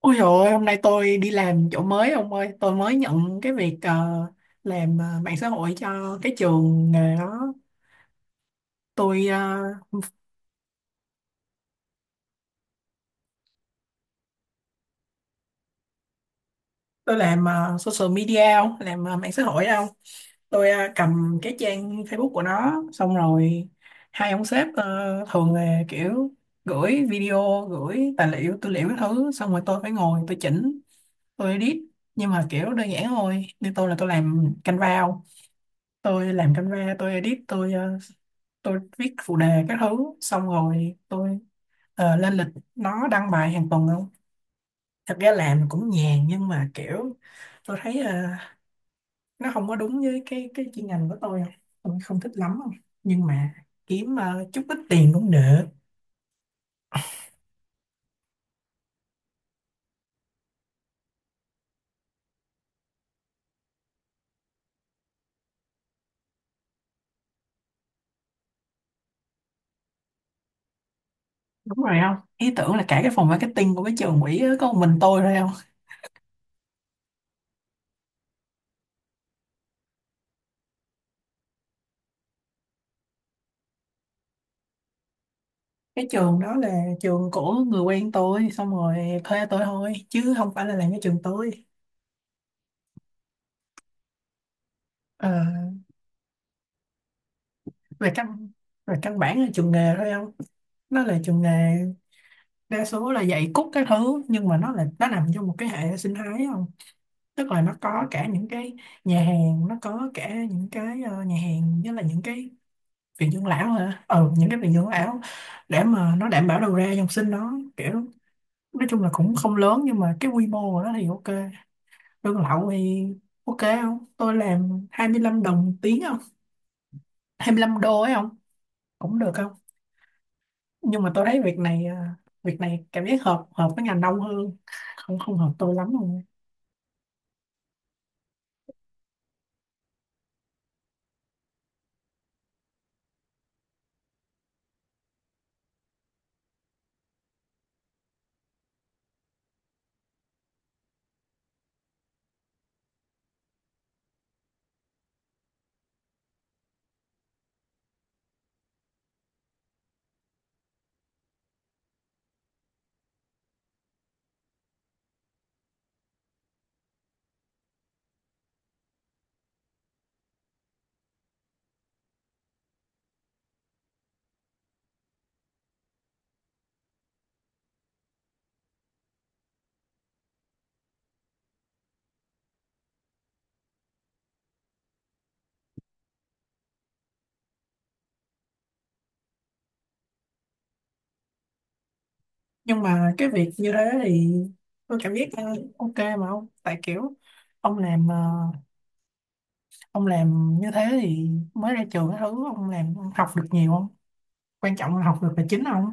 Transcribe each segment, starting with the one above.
Ôi trời ơi, hôm nay tôi đi làm chỗ mới ông ơi, tôi mới nhận cái việc, làm mạng xã hội cho cái trường nghề đó. Tôi làm social media, ông, làm mạng xã hội không? Tôi cầm cái trang Facebook của nó, xong rồi hai ông sếp thường là kiểu gửi video, gửi tài liệu, tư liệu cái thứ, xong rồi tôi phải ngồi tôi chỉnh, tôi edit, nhưng mà kiểu đơn giản thôi. Như tôi là tôi làm Canva, tôi làm camera, tôi edit, tôi tôi viết phụ đề các thứ, xong rồi tôi lên lịch nó đăng bài hàng tuần không. Thật ra làm cũng nhàn, nhưng mà kiểu tôi thấy nó không có đúng với cái chuyên ngành của tôi không, tôi không thích lắm không, nhưng mà kiếm chút ít tiền cũng được. Đúng rồi không, ý tưởng là cả cái phòng marketing của cái trường quỹ á, có một mình tôi thôi không. Cái trường đó là trường của người quen tôi, xong rồi thuê tôi thôi chứ không phải là làm cái trường tôi. Ờ về căn Về căn bản là trường nghề thôi không, nó là trường nghề. Đa số là dạy cút các thứ, nhưng mà nó nằm trong một cái hệ sinh thái không, tức là nó có cả những cái nhà hàng, nó có cả những cái nhà hàng với là những cái viện dưỡng lão hả ừ những cái viện dưỡng lão, để mà nó đảm bảo đầu ra dòng sinh nó. Kiểu nói chung là cũng không lớn, nhưng mà cái quy mô của nó thì ok. Lương lậu thì ok không, tôi làm 25 đồng một tiếng không, 25 đô ấy không, cũng được không. Nhưng mà tôi thấy việc này à, việc này cảm giác hợp hợp với ngành đông hơn Không, không hợp tôi lắm luôn. Nhưng mà cái việc như thế thì tôi cảm giác ok mà ông, tại kiểu ông làm ờ, ông làm như thế thì mới ra trường cái thứ, ông làm ông học được nhiều không, quan trọng là học được là chính không.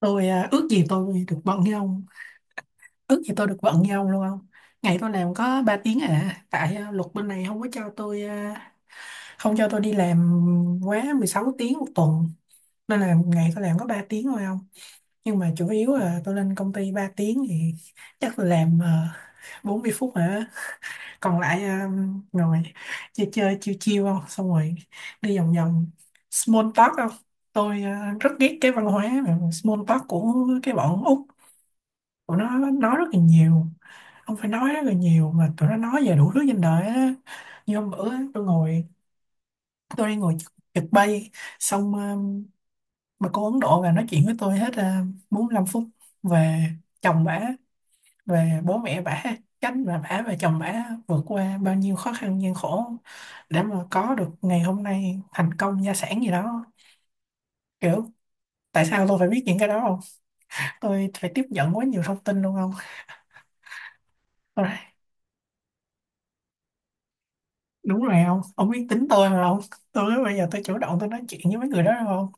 Tôi ước gì tôi được bận như ông, ước gì tôi được bận như ông luôn không. Ngày tôi làm có 3 tiếng à, tại luật bên này không có cho tôi, ờ, không cho tôi đi làm quá 16 tiếng một tuần. Nên là một ngày tôi làm có 3 tiếng thôi không. Nhưng mà chủ yếu là tôi lên công ty 3 tiếng, thì chắc tôi làm 40 phút hả? Còn lại ngồi chơi chơi chiêu chiêu không, xong rồi đi vòng vòng small talk không. Tôi rất ghét cái văn hóa mà small talk của cái bọn Úc. Tụi nó nói rất là nhiều. Không phải nói rất là nhiều mà tụi nó nói về đủ thứ trên đời á. Như hôm bữa á, tôi ngồi tôi đi ngồi trực trực bay xong mà cô Ấn Độ là nói chuyện với tôi hết à, 45 phút về chồng bả, về bố mẹ bả, cách mà bả và chồng bả vượt qua bao nhiêu khó khăn gian khổ để mà có được ngày hôm nay, thành công gia sản gì đó, kiểu tại sao tôi phải biết những cái đó không, tôi phải tiếp nhận quá nhiều thông tin luôn không. Tôi- đúng rồi không, ông biết tính tôi mà không, tôi bây giờ tôi chủ động tôi nói chuyện với mấy người đó đâu không.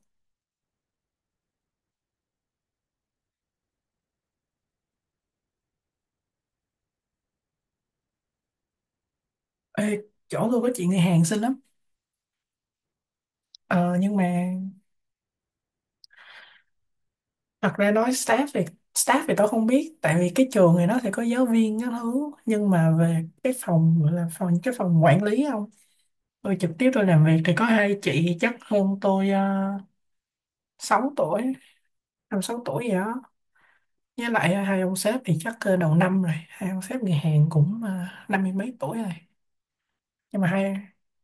Ê, chỗ tôi có chuyện người Hàn xinh lắm, ờ, nhưng mà thật ra nói staff thì tôi không biết, tại vì cái trường này nó sẽ có giáo viên các thứ, nhưng mà về cái phòng gọi là phòng cái phòng quản lý không, tôi trực tiếp tôi làm việc thì có hai chị chắc hơn tôi uh, 6 tuổi, 5, 6 tuổi gì đó. Với lại hai ông sếp thì chắc đầu năm rồi, hai ông sếp người Hàn cũng 50 mấy tuổi rồi. Nhưng mà hai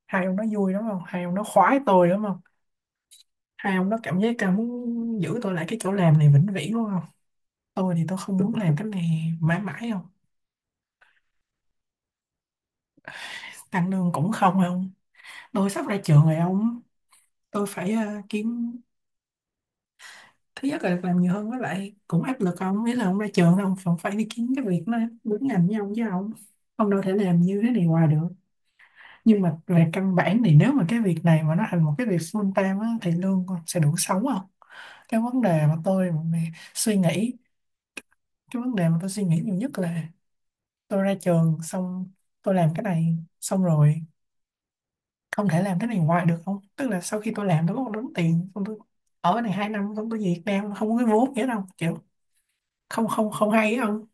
hai ông nó vui đúng không, hai ông nó khoái tôi đúng không, hai ông nó cảm giác là muốn giữ tôi lại cái chỗ làm này vĩnh viễn đúng không. Tôi thì tôi không muốn làm cái này mãi mãi. Anh lương cũng không không. Tôi sắp ra trường rồi ông, tôi phải kiếm. Thứ nhất là được làm nhiều hơn, với lại cũng áp lực ông, nghĩa là ông ra trường ông còn phải đi kiếm cái việc nó đúng ngành với ông chứ ông đâu thể làm như thế này hoài được. Nhưng mà về căn bản thì nếu mà cái việc này mà nó thành một cái việc full time á, thì lương con sẽ đủ sống không. cái vấn đề mà tôi mà suy nghĩ cái vấn đề mà tôi suy nghĩ nhiều nhất là tôi ra trường xong tôi làm cái này xong rồi không thể làm cái này hoài được không, tức là sau khi tôi làm tôi có một đống tiền xong tôi ở cái này 2 năm xong tôi về Việt Nam không có cái vốn nghĩa đâu, kiểu không, không, không hay á ông.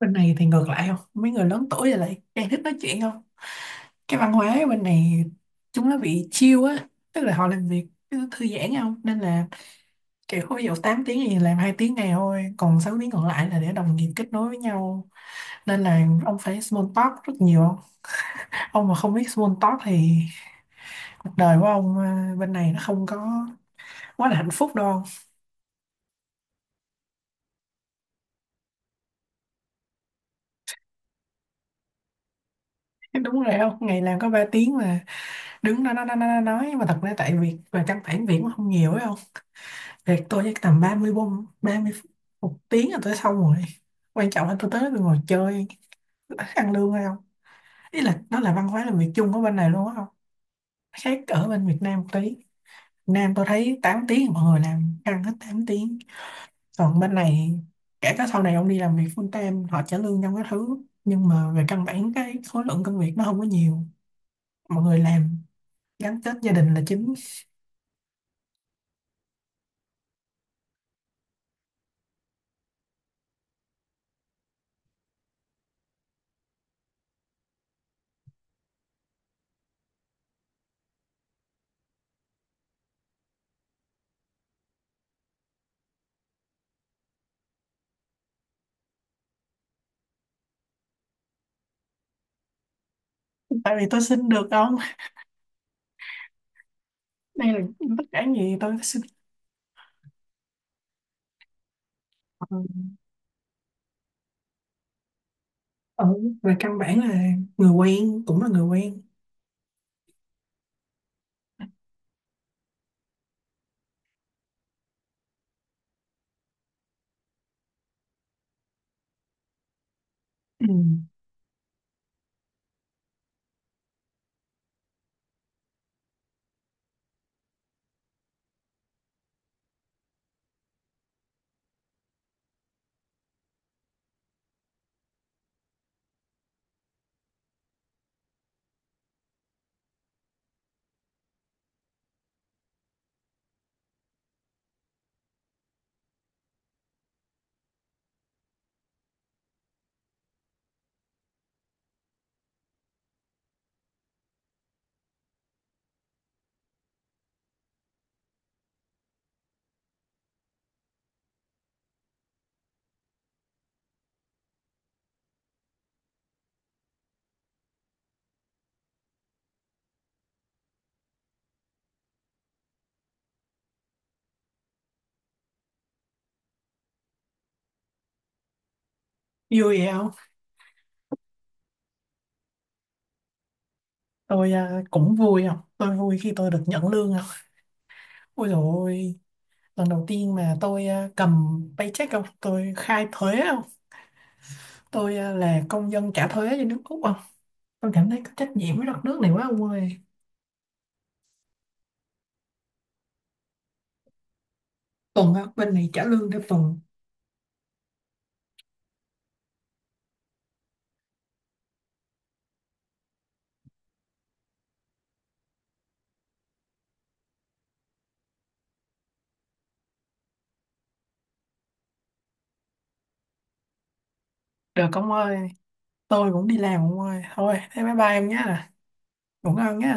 Bên này thì ngược lại không, mấy người lớn tuổi rồi lại càng thích nói chuyện không. Cái văn hóa ở bên này chúng nó bị chill á, tức là họ làm việc cứ thư giãn không, nên là kiểu ví dụ 8 tiếng thì làm 2 tiếng này thôi, còn 6 tiếng còn lại là để đồng nghiệp kết nối với nhau. Nên là ông phải small talk rất nhiều, ông mà không biết small talk thì cuộc đời của ông à, bên này nó không có quá là hạnh phúc đâu. Đúng rồi không, ngày làm có 3 tiếng mà đứng đó nói, mà thật ra tại việc và căn bản việc cũng không nhiều ấy không, việc tôi chắc tầm 30 bông 30 phút một tiếng là tôi xong rồi. Quan trọng là tôi tới đó tôi ngồi chơi ăn lương hay không. Ý là nó là văn hóa làm việc chung ở bên này luôn á không, khác ở bên Việt Nam một tí. Việt Nam tôi thấy 8 tiếng mọi người làm ăn hết 8 tiếng, còn bên này kể cả sau này ông đi làm việc full time họ trả lương trong cái thứ, nhưng mà về căn bản cái khối lượng công việc nó không có nhiều. Mọi người làm gắn kết gia đình là chính. Tại vì tôi xin được không, đây là tất cả gì tôi xin. Ờ, ừ, về căn bản là người quen cũng là người quen. Ừ. Vui vậy không. Tôi à, cũng vui không, tôi vui khi tôi được nhận lương không. Ôi dồi ôi, lần đầu tiên mà tôi à, cầm paycheck không, tôi khai thuế không. Tôi à, là công dân trả thuế cho nước Úc không, tôi cảm thấy có trách nhiệm với đất nước này quá ông ơi. Tuần á, bên này trả lương theo tuần. Được ông ơi, tôi cũng đi làm ông ơi. Thôi thế bye bye em nhé, ngủ ngon nhé.